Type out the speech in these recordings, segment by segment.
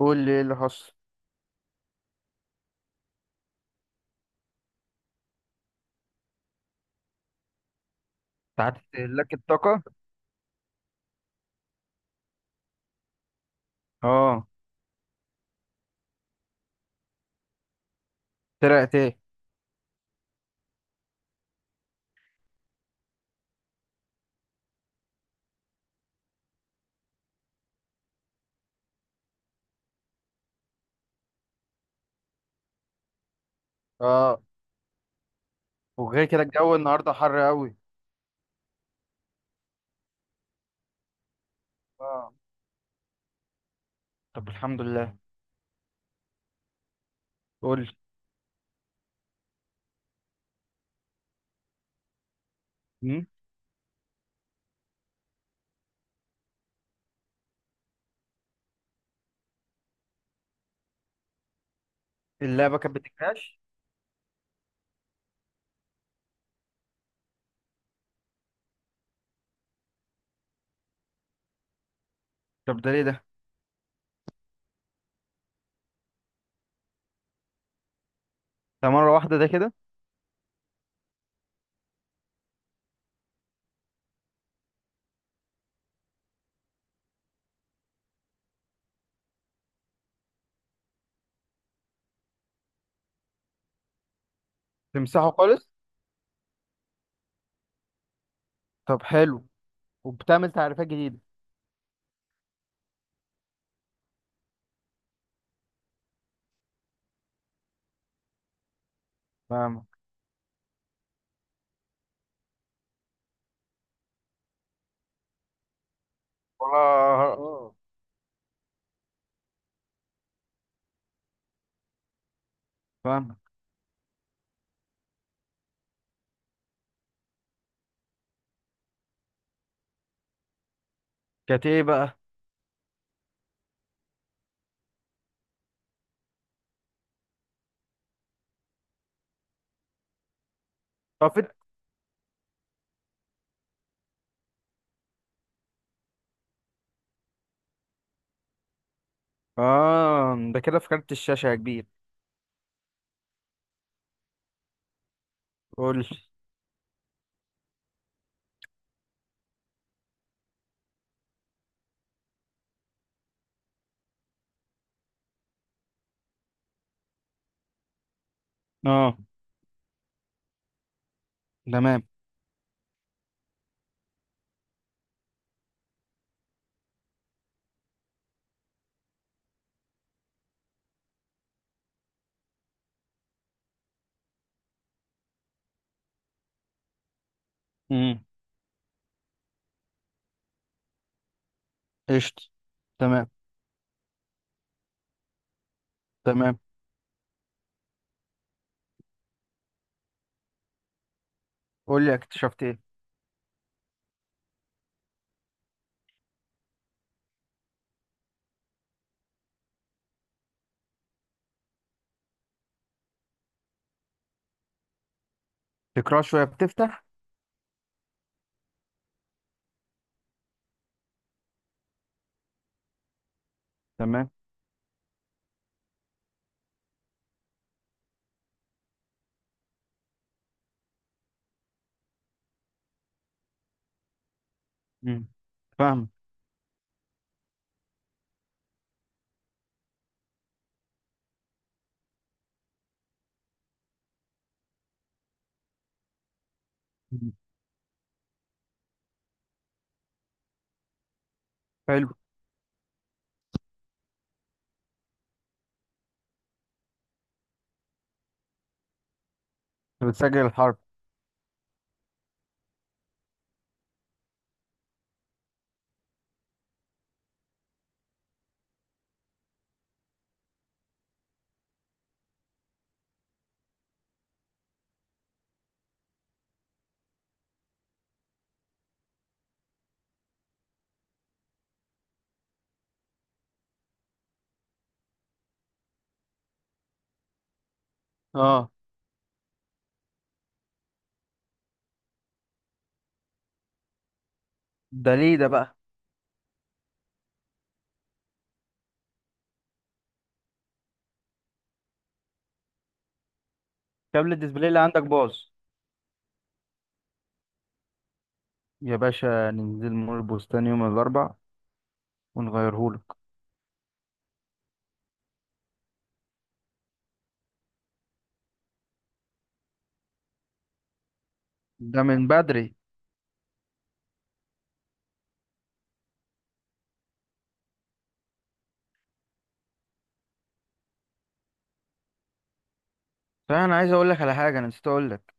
قول لي ايه اللي حصل. ساعات استهلاك الطاقة. اه. طلعت ايه؟ اه. وغير كده الجو النهارده حر قوي. اه. طب الحمد لله. قول لي. مم. اللعبه كانت بتكراش. طب ده ليه ده؟ ده مره واحده ده كده؟ تمسحه خالص؟ طب حلو. وبتعمل تعريفات جديده؟ فاهمك. والله. اه. فاهمك. كانت ايه بقى؟ طفت. اه، ده كده في كارت الشاشه يا كبير. قول لي. اه. تمام. امم. قشطه. تمام. تمام. قول لي اكتشفت ايه. تكراش شويه بتفتح. تمام. مم. فاهم. مم. حلو. بتسجل الحرب؟ اه. ده ليه ده بقى؟ كابل الديسبلاي اللي عندك باظ. يا باشا، ننزل مول البستان يوم الاربع ونغيرهولك. ده من بدري. صحيح، انا عايز اقول لك على حاجه انا نسيت اقول لك.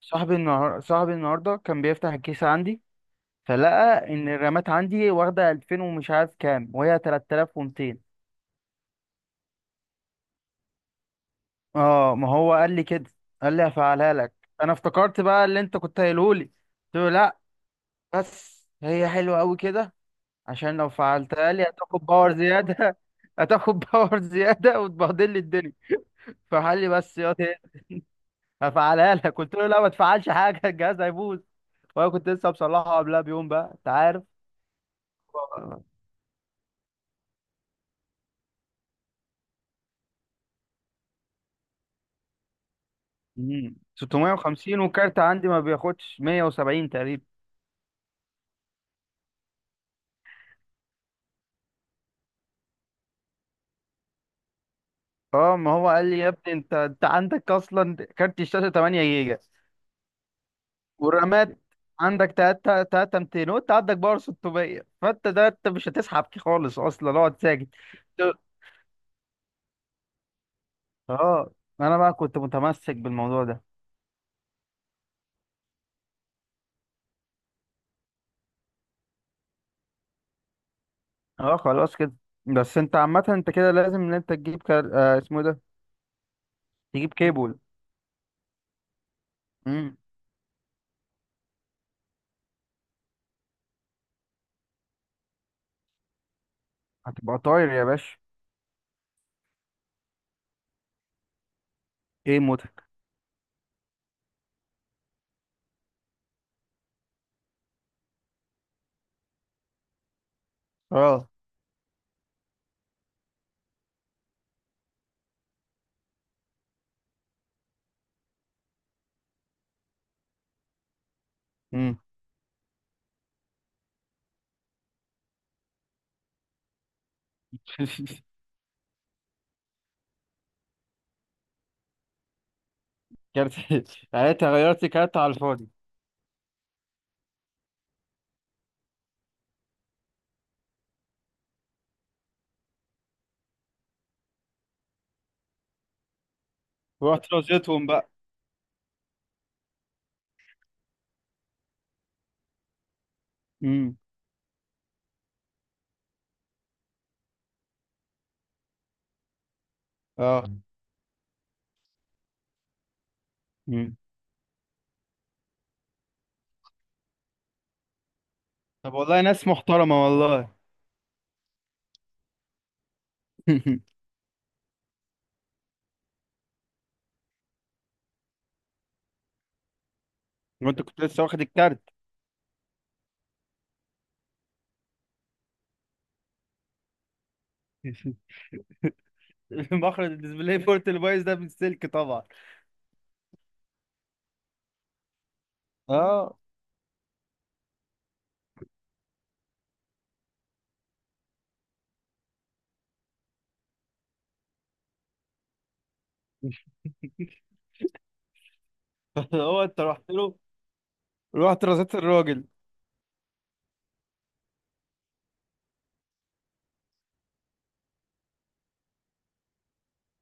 صاحبي النهارده كان بيفتح الكيس عندي. فلقى ان الرامات عندي واخده 2000 ومش عارف كام وهي 3200. اه، ما هو قال لي كده. قال لي هفعلها لك. انا افتكرت بقى اللي انت كنت قايله لي، قلت له لا. بس هي حلوه قوي كده. عشان لو فعلتها لي هتاخد باور زيادة هتاخد باور زيادة وتبهدل لي الدنيا. فقال لي بس يا تاني هفعلها لك قلت له لا، ما تفعلش حاجة الجهاز هيبوظ. وانا كنت لسه مصلحه قبلها بيوم، بقى انت عارف. مم. 650، والكارت عندي ما بياخدش 170 تقريبا. اه، ما هو قال لي يا ابني، انت عندك اصلا كارت الشاشة 8 جيجا، والرامات عندك 3 3 200، وانت عندك باور 600، فانت ده انت مش هتسحب خالص اصلا، اقعد ساكت. اه. انا بقى كنت متمسك بالموضوع ده. اه، خلاص كده. بس انت عامة انت كده لازم ان انت تجيب كار... آه اسمه ايه ده. تجيب كيبل. امم. هتبقى طاير يا باشا. ايه موتك؟ اه. امم. كارت. يعني انت غيرت كارت على الفاضي؟ ورحت رزيتهم بقى. امم. اه. امم. طب والله ناس محترمة والله. وانت كنت لسه واخد الكارت. مخرج الديسبلاي بورت اللي بايظ ده بالسلك طبعا. اه. هو انت رحت له، رحت رزيت الراجل.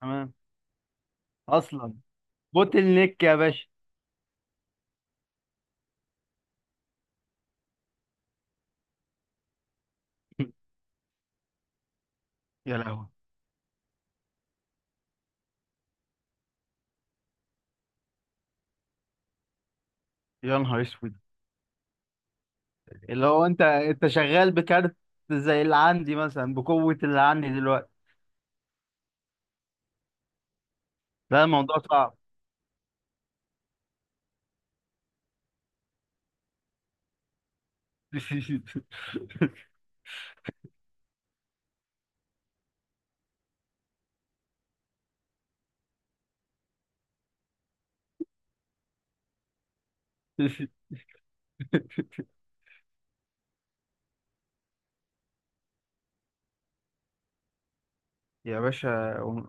تمام. اصلا بوتل نيك يا باشا. يا لهوي. يا نهار اسود. اللي هو انت شغال بكارت زي اللي عندي مثلا بقوة اللي عندي دلوقتي. لا، الموضوع صعب. يا باشا،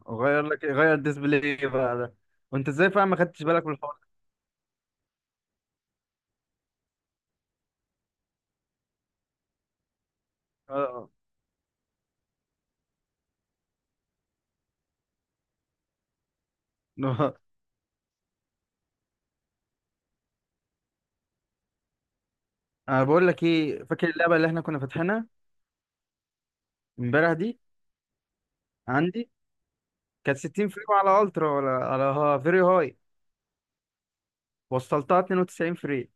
غير الديسبلاي بقى ده. وانت ازاي فعلا ما خدتش بالك من الحوار ده؟ اه. آه. انا بقول لك ايه، فاكر اللعبه اللي احنا كنا فاتحينها امبارح دي؟ عندي كانت 60 فريم على الترا ولا على ها فيري هاي. وصلتها 92 فريم.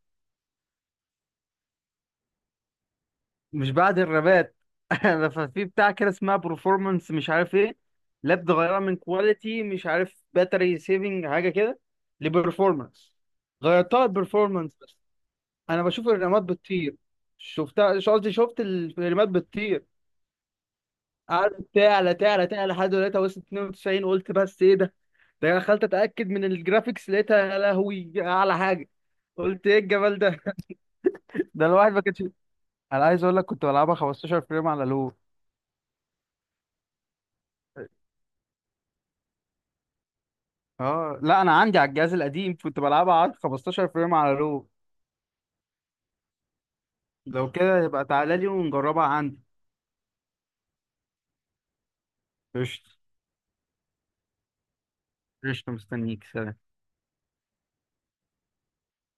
مش بعد الربات؟ أنا ففي بتاع كده اسمها برفورمانس مش عارف ايه، لاب غيرها من كواليتي مش عارف باتري سيفنج حاجه كده، لبرفورمانس. غيرتها لبرفورمانس بس. انا بشوف الرامات بتطير. شفتها، مش قصدي، شفت الرامات بتطير. قعدت تعلى تعلى تعلى لحد دلوقتي وصلت 92. قلت بس ايه ده، ده أنا دخلت اتاكد من الجرافيكس لقيتها يا لهوي اعلى حاجه. قلت ايه الجمال ده. ده الواحد ما كانش. انا عايز اقول لك كنت بلعبها 15 فريم على لو. اه، لا، انا عندي على الجهاز القديم كنت بلعبها على 15 فريم على رو. لو كده يبقى تعالى لي ونجربها عندي. قشطة. قشطة مستنيك، سلام.